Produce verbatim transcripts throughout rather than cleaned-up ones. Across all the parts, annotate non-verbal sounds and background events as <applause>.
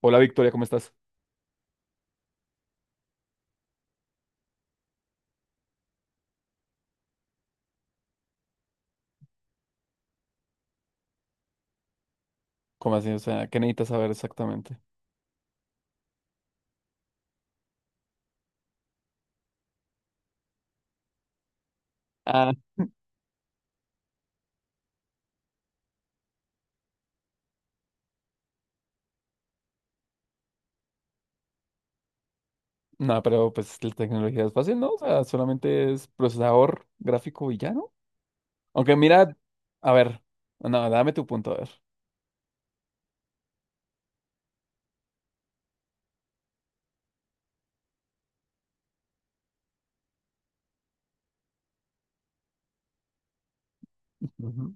Hola Victoria, ¿cómo estás? ¿Cómo así? O sea, ¿qué necesitas saber exactamente? Ah, No, pero pues la tecnología es fácil, ¿no? O sea, solamente es procesador gráfico y ya, ¿no? Aunque mira, a ver, no, dame tu punto, a ver. Ujú.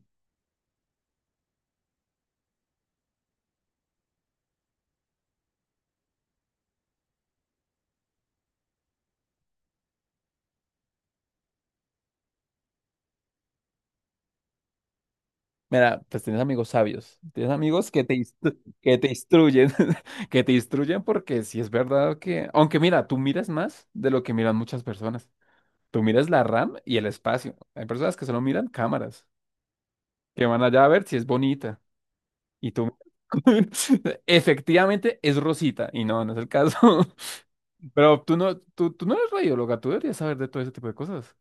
Mira, pues tienes amigos sabios, tienes amigos que te, instru- que te instruyen. <laughs> Que te instruyen, porque si es verdad que, aunque mira, tú miras más de lo que miran muchas personas. Tú miras la R A M y el espacio. Hay personas que solo miran cámaras, que van allá a ver si es bonita. Y tú, <laughs> efectivamente es Rosita, y no, no es el caso. <laughs> Pero tú no, tú, tú no eres radióloga, tú deberías saber de todo ese tipo de cosas.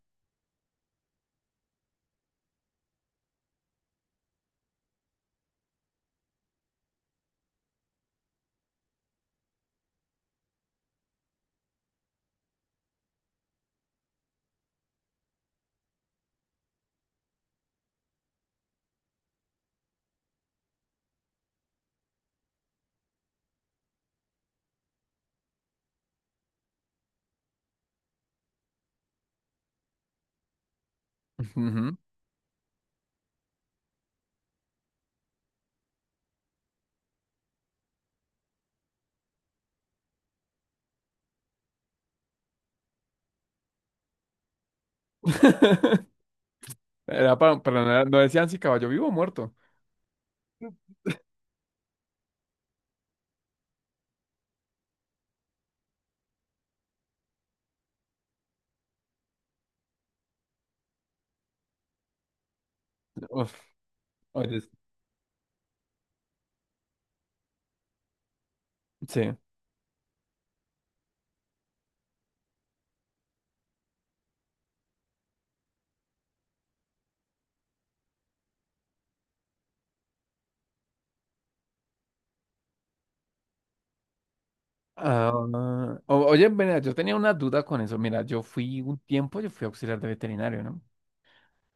Ujú. <laughs> Era para, para no, era- no decían si caballo vivo o muerto. Uf, oye, sí. Ah, o- Oye, mira, yo tenía una duda con eso. Mira, yo fui un tiempo, yo fui auxiliar de veterinario, ¿no?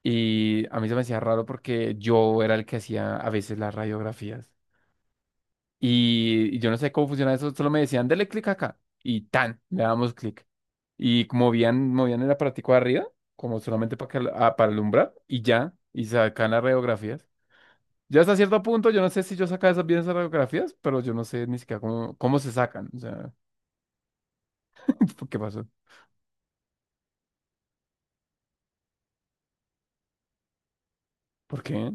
Y a mí se me hacía raro porque yo era el que hacía a veces las radiografías. Y, y yo no sé cómo funciona eso, solo me decían, dale clic acá. Y tan, le damos clic. Y movían, movían el aparatico de arriba, como solamente para, que, al- ah, para alumbrar, y ya, y sacan las radiografías. Ya hasta cierto punto, yo no sé si yo sacaba esas bien esas radiografías, pero yo no sé ni siquiera cómo, cómo se sacan. O sea, <laughs> ¿por ¿qué pasó? ¿Por qué?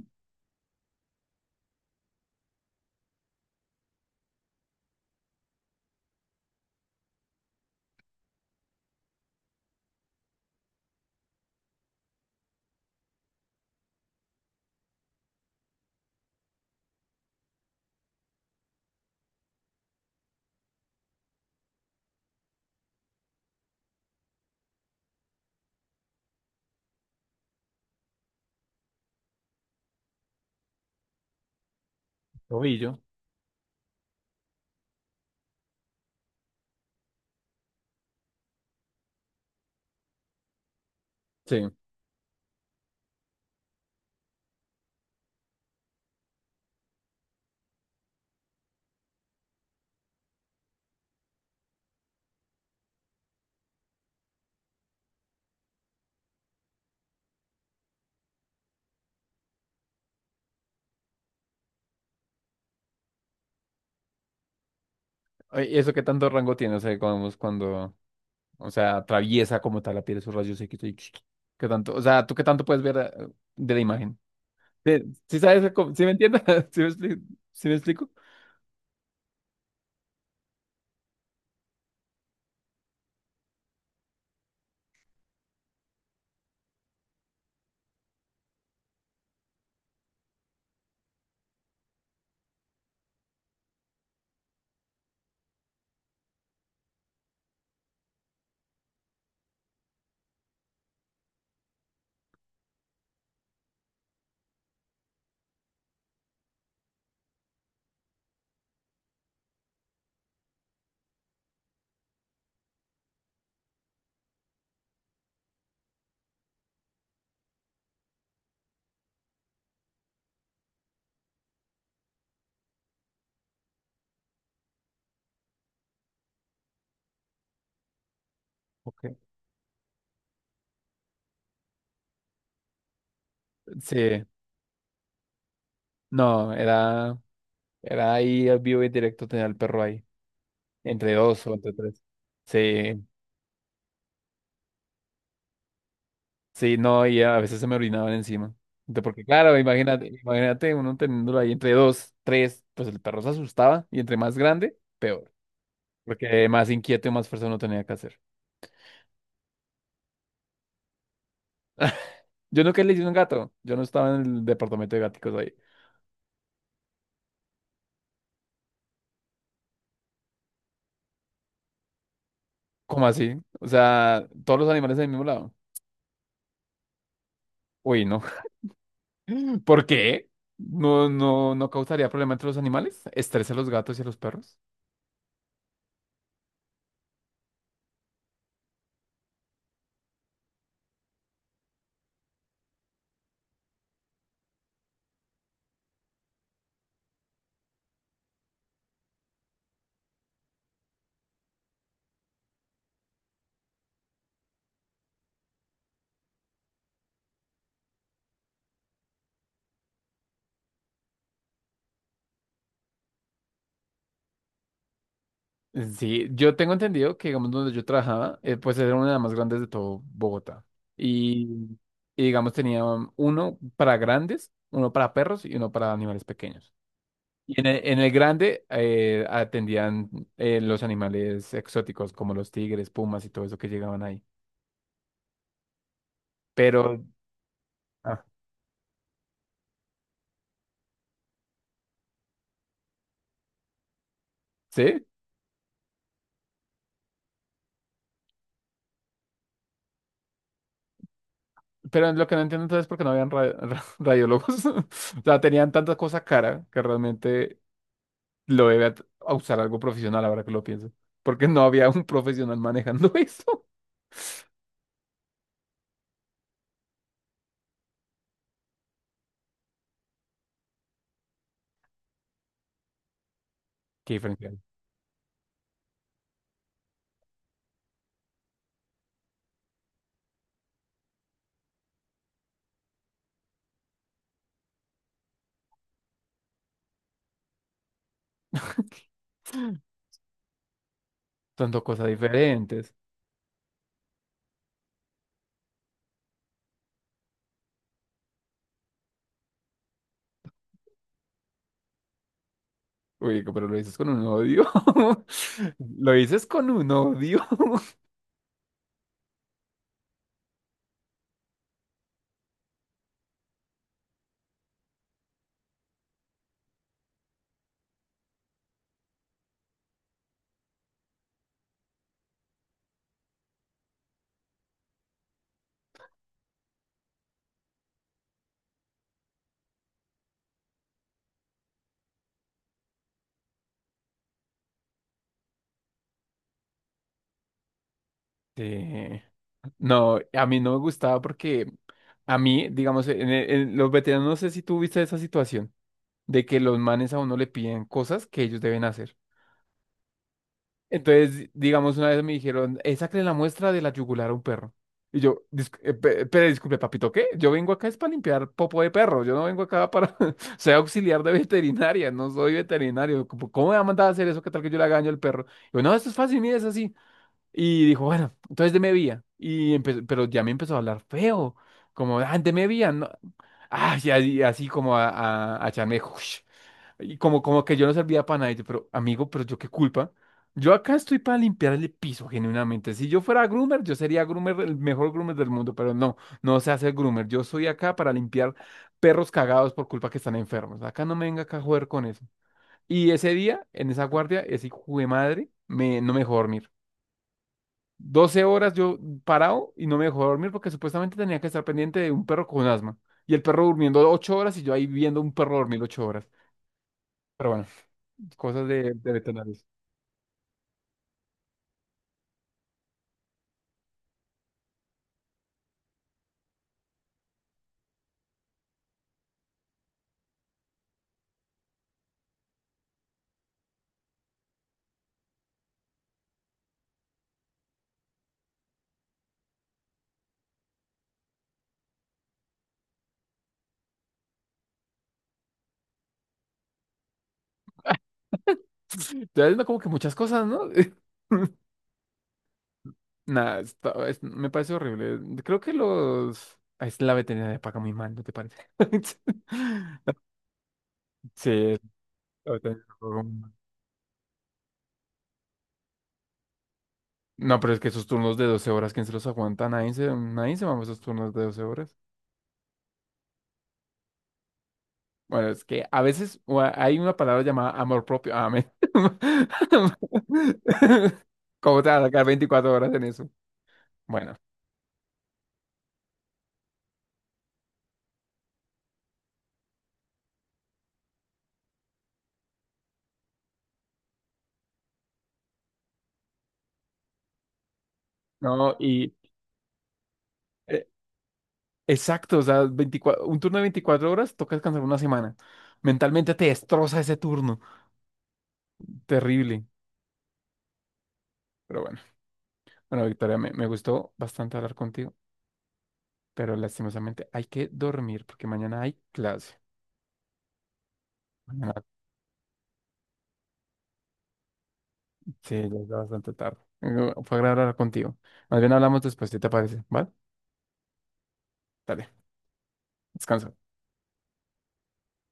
Tobillo. Sí. Oye, ¿y eso qué tanto rango tiene? O sea, digamos, cuando, o sea, atraviesa como tal la piel esos rayos X. y- ¿Qué tanto? O sea, ¿tú qué tanto puedes ver eh, de la imagen? Sí, sí sabes, cómo- ¿sí me entiendes? <laughs> ¿Sí me explico? ¿Sí me explico? Ok. Sí, no, era, era ahí al vivo y en directo tener al perro ahí, entre dos o entre tres. Sí, sí, no, y a veces se me orinaban encima. Entonces, porque claro, imagínate, imagínate uno teniéndolo ahí entre dos, tres, pues el perro se asustaba y entre más grande, peor, porque más inquieto y más fuerza uno tenía que hacer. Yo nunca le hice un gato, yo no estaba en el departamento de gaticos ahí. ¿Cómo así? O sea, todos los animales del mismo lado. Uy, no. ¿Por qué? ¿No, no, no causaría problema entre los animales? ¿Estresa a los gatos y a los perros? Sí, yo tengo entendido que, digamos, donde yo trabajaba, eh, pues era una de las más grandes de todo Bogotá. Y, y, digamos, tenía uno para grandes, uno para perros y uno para animales pequeños. Y en el, en el grande eh, atendían eh, los animales exóticos como los tigres, pumas y todo eso que llegaban ahí. Pero, ah, ¿sí? Pero lo que no entiendo entonces es por qué no habían ra- ra- radiólogos. <laughs> O sea, tenían tanta cosa cara que realmente lo debe at- a usar algo profesional, ahora que lo pienso. Porque no había un profesional manejando <laughs> eso. Qué diferencia. Son cosas diferentes. Uy, pero lo dices con un odio. <laughs> Lo dices con un odio. <laughs> Sí. No, a mí no me gustaba porque a mí, digamos, en, en los veteranos, no sé si tú viste esa situación de que los manes a uno le piden cosas que ellos deben hacer. Entonces, digamos, una vez me dijeron, "Eh, sácale la muestra de la yugular a un perro". Y yo, "Disc- eh, pe- pero disculpe, papito, ¿qué? Yo vengo acá es para limpiar popo de perro. Yo no vengo acá para... <laughs> Soy auxiliar de veterinaria, no soy veterinario. ¿Cómo cómo me va a mandar a hacer eso? ¿Qué tal que yo le haga daño al perro?". Y yo, no, esto es fácil, mire, es así. Y dijo, bueno, entonces deme vía. Y empezó, pero ya me empezó a hablar feo. Como, ah, deme vía. No. Ah, y así, así como a, a, a echarme... <laughs> Y como, como que yo no servía para nada. Y yo, pero amigo, pero yo qué culpa. Yo acá estoy para limpiar el piso, genuinamente. Si yo fuera groomer, yo sería groomer, el mejor groomer del mundo, pero no, no sé hacer groomer. Yo soy acá para limpiar perros cagados por culpa que están enfermos. Acá no me venga acá a joder con eso. Y ese día, en esa guardia, ese hijo de madre me, no me dejó dormir. Doce horas yo parado y no me dejó dormir porque supuestamente tenía que estar pendiente de un perro con asma. Y el perro durmiendo ocho horas y yo ahí viendo un perro dormir ocho horas. Pero bueno. Cosas de, de veterinarios. <laughs> Ya es como que muchas cosas, ¿no? <laughs> Nada, está- es- me parece horrible. Creo que los... ah, es la veterinaria paga muy mal, ¿no te parece? <laughs> Sí, la veterinaria paga muy mal. No, pero es que esos turnos de doce horas, ¿quién se los aguanta? Nadie se, nadie se mama esos turnos de doce horas. Bueno, es que a veces o a- hay una palabra llamada amor propio. Amén. <laughs> ¿Cómo te vas a sacar veinticuatro horas en eso? Bueno, no, y... exacto, o sea, veinticuatro un turno de veinticuatro horas toca descansar una semana. Mentalmente te destroza ese turno. Terrible. Pero bueno, bueno, Victoria, me, me gustó bastante hablar contigo, pero lastimosamente hay que dormir porque mañana hay clase. Mañana, sí, ya es bastante tarde. Eh, Fue agradable hablar contigo. Más bien hablamos después, ¿si te parece? ¿Vale? Dale, descansa.